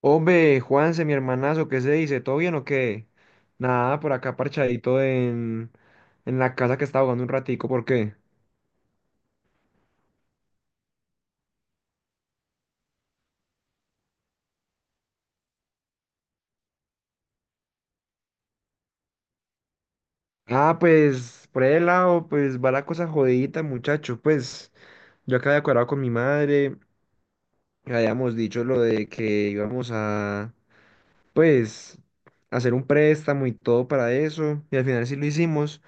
Hombre, Juanse, mi hermanazo, ¿qué se dice? ¿Todo bien o qué? Nada, por acá parchadito en la casa que estaba jugando un ratico, ¿por qué? Ah, pues, por el lado, pues va la cosa jodidita, muchacho. Pues, yo acá de acuerdo con mi madre, que habíamos dicho lo de que íbamos a, pues, hacer un préstamo y todo para eso, y al final sí lo hicimos,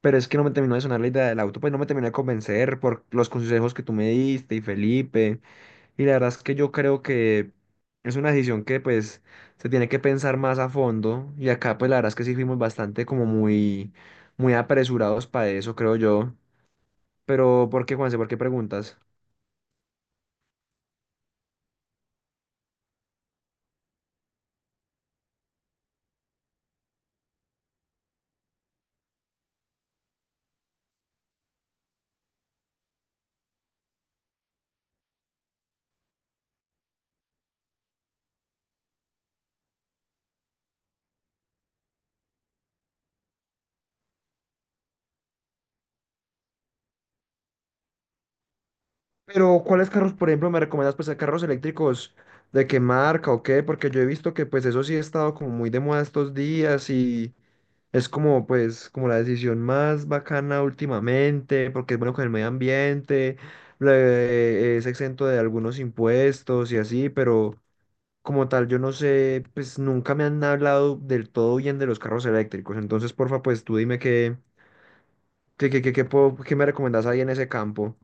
pero es que no me terminó de sonar la idea del auto, pues no me terminó de convencer por los consejos que tú me diste y Felipe. Y la verdad es que yo creo que es una decisión que pues se tiene que pensar más a fondo y acá pues la verdad es que sí fuimos bastante como muy apresurados para eso, creo yo. Pero ¿por qué, Juanse? ¿Por qué preguntas? Pero ¿cuáles carros, por ejemplo, me recomiendas pues carros eléctricos de qué marca o qué? Porque yo he visto que pues eso sí ha estado como muy de moda estos días. Y es como, pues, como la decisión más bacana últimamente, porque es bueno con el medio ambiente, es exento de algunos impuestos y así, pero como tal, yo no sé, pues nunca me han hablado del todo bien de los carros eléctricos. Entonces, porfa, pues tú dime qué me recomendás ahí en ese campo.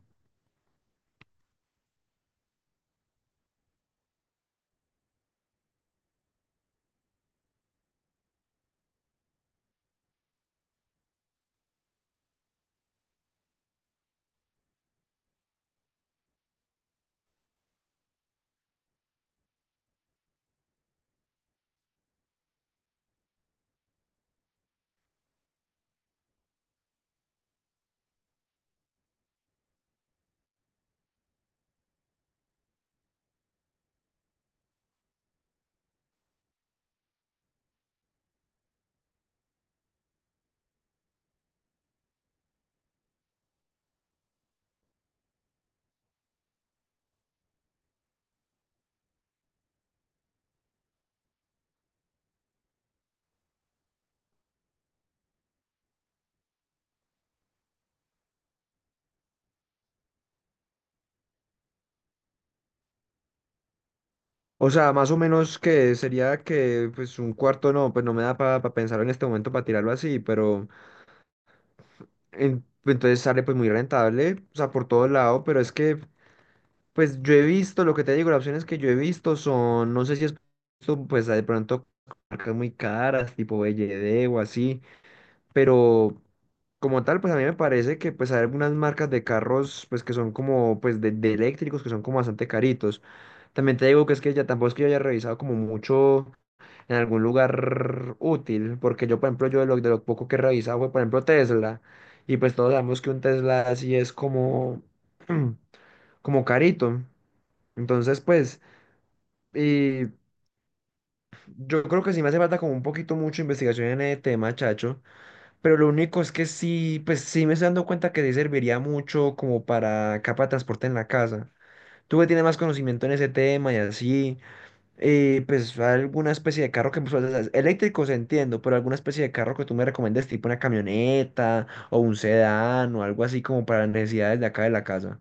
O sea, más o menos que sería que, pues, un cuarto no, pues no me da para pensar en este momento para tirarlo así, pero entonces sale pues muy rentable, o sea, por todo lado, pero es que, pues yo he visto, lo que te digo, las opciones que yo he visto son, no sé si es, visto, pues de pronto marcas muy caras, tipo BYD o así, pero como tal, pues a mí me parece que pues hay algunas marcas de carros, pues que son como, pues de eléctricos, que son como bastante caritos. También te digo que es que ya tampoco es que yo haya revisado como mucho en algún lugar útil, porque yo, por ejemplo, yo de lo poco que he revisado fue, por ejemplo, Tesla, y pues todos sabemos que un Tesla así es como, como carito. Entonces, pues, y yo creo que sí me hace falta como un poquito mucho investigación en el tema, chacho, pero lo único es que sí, pues sí me estoy dando cuenta que sí serviría mucho como para capa de transporte en la casa. Tú que tienes más conocimiento en ese tema y así. Y pues alguna especie de carro que pues, o sea, eléctricos entiendo, pero alguna especie de carro que tú me recomiendes, tipo una camioneta o un sedán o algo así como para las necesidades de acá de la casa.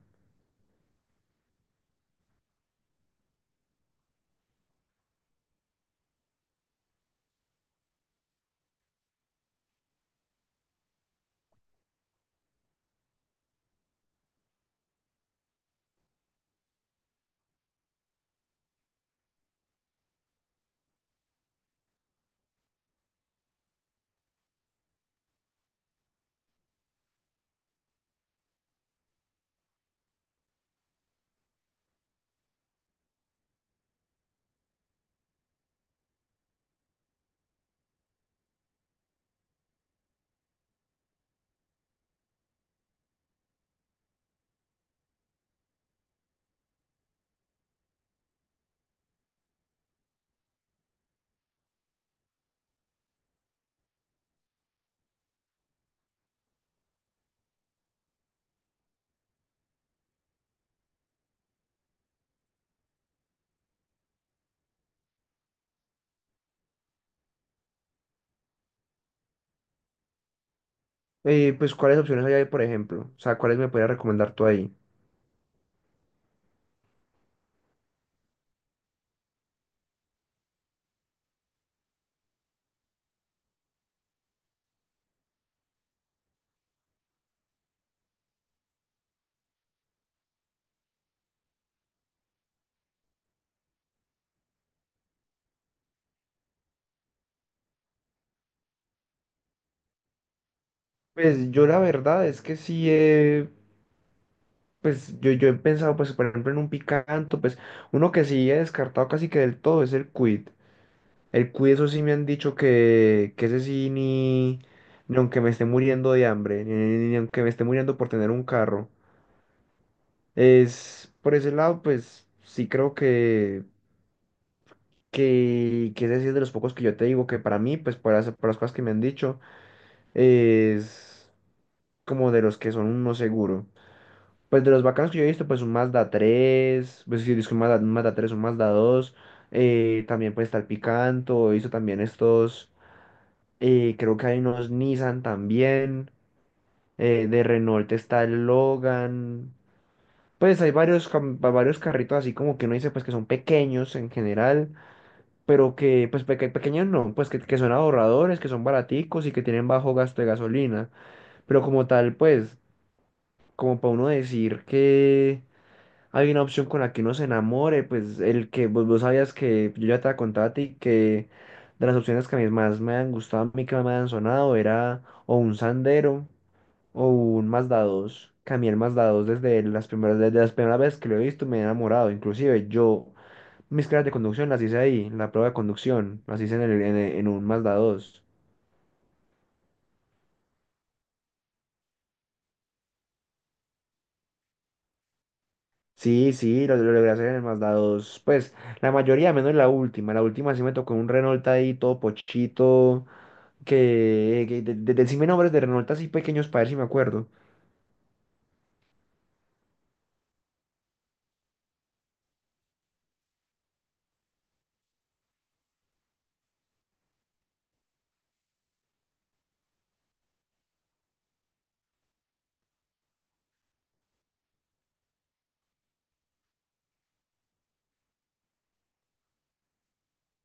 Pues, ¿cuáles opciones hay ahí, por ejemplo? O sea, ¿cuáles me podrías recomendar tú ahí? Pues yo la verdad es que sí, pues yo he pensado, pues, por ejemplo, en un picanto, pues uno que sí he descartado casi que del todo es el Quid. El cuy, eso sí me han dicho que ese sí ni, ni aunque me esté muriendo de hambre, ni, ni aunque me esté muriendo por tener un carro. Es, por ese lado, pues sí creo que que, ese sí es de los pocos que yo te digo que para mí, pues por por las cosas que me han dicho, es como de los que son un no seguro. Pues de los bacanos que yo he visto, pues un Mazda 3 pues sí, disco un Mazda tres un Mazda 2, también pues está el Picanto, hizo también estos. Creo que hay unos Nissan también. Eh, de Renault está el Logan. Pues hay varios, varios carritos así como que uno dice pues que son pequeños en general, pero que pues pequeños no, pues que son ahorradores, que son baraticos y que tienen bajo gasto de gasolina. Pero como tal, pues, como para uno decir que hay una opción con la que uno se enamore, pues el que vos sabías que yo ya te contaba a ti que de las opciones que a mí más me han gustado, a mí que me han sonado era o un Sandero o un Mazda 2, que a mí el Mazda 2 desde las primeras veces que lo he visto me he enamorado, inclusive yo mis clases de conducción las hice ahí, la prueba de conducción las hice en un Mazda 2. Sí, sí, lo logré hacer en el Mazda 2, pues la mayoría, menos la última sí me tocó un Renault ahí todo pochito, que decime nombres de Renault así pequeños para ver si me acuerdo,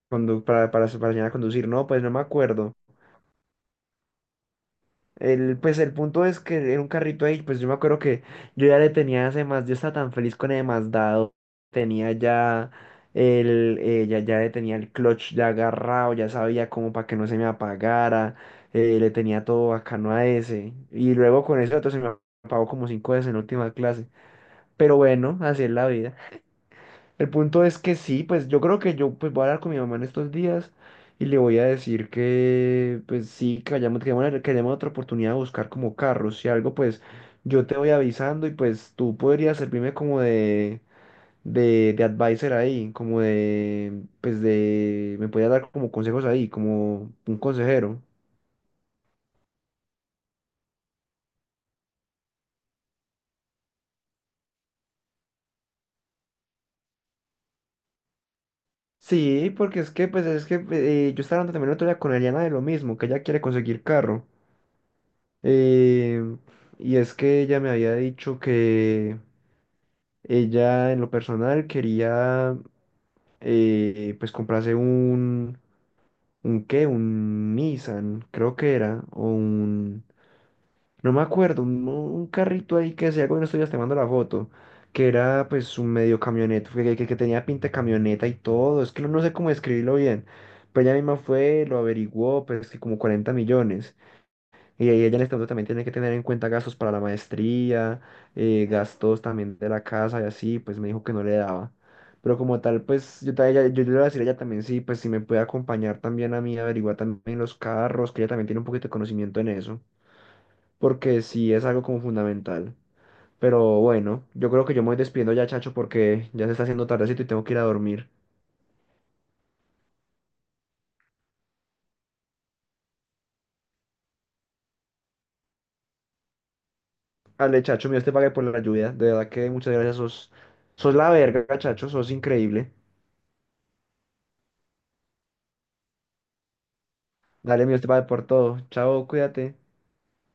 cuando, para enseñar a conducir, no, pues no me acuerdo. El, pues el punto es que era un carrito ahí, pues yo me acuerdo que yo ya le tenía ese más, yo estaba tan feliz con el dado tenía ya ya le tenía el clutch ya agarrado, ya sabía cómo para que no se me apagara, le tenía todo bacano a ese, y luego con ese otro se me apagó como 5 veces en la última clase, pero bueno, así es la vida. El punto es que sí, pues yo creo que yo pues voy a hablar con mi mamá en estos días y le voy a decir que pues sí, que hayamos otra oportunidad de buscar como carros. Si algo, pues yo te voy avisando y pues tú podrías servirme como de advisor ahí, como de, pues de, me podrías dar como consejos ahí, como un consejero. Sí, porque es que pues es que yo estaba hablando también el otro día con Eliana de lo mismo, que ella quiere conseguir carro. Eh, y es que ella me había dicho que ella en lo personal quería pues comprarse un Nissan, creo que era, o un, no me acuerdo, un carrito ahí que se bueno, estoy ya te mando la foto, que era pues un medio camioneta, que tenía pinta de camioneta y todo, es que no, no sé cómo describirlo bien, pero ella misma fue, lo averiguó, pues que como 40 millones. Y ahí ella en este momento también tiene que tener en cuenta gastos para la maestría, gastos también de la casa y así, pues me dijo que no le daba. Pero como tal, pues yo, ta- ella- yo le iba a decir a ella también, sí, pues si me puede acompañar también a mí, averiguar también los carros, que ella también tiene un poquito de conocimiento en eso, porque sí es algo como fundamental. Pero bueno, yo creo que yo me voy despidiendo ya, Chacho, porque ya se está haciendo tardecito y tengo que ir a dormir. Ale, Chacho, mío, te pague por la ayuda. De verdad que muchas gracias, sos, sos la verga, Chacho, sos increíble. Dale, mío te va por todo. Chao, cuídate.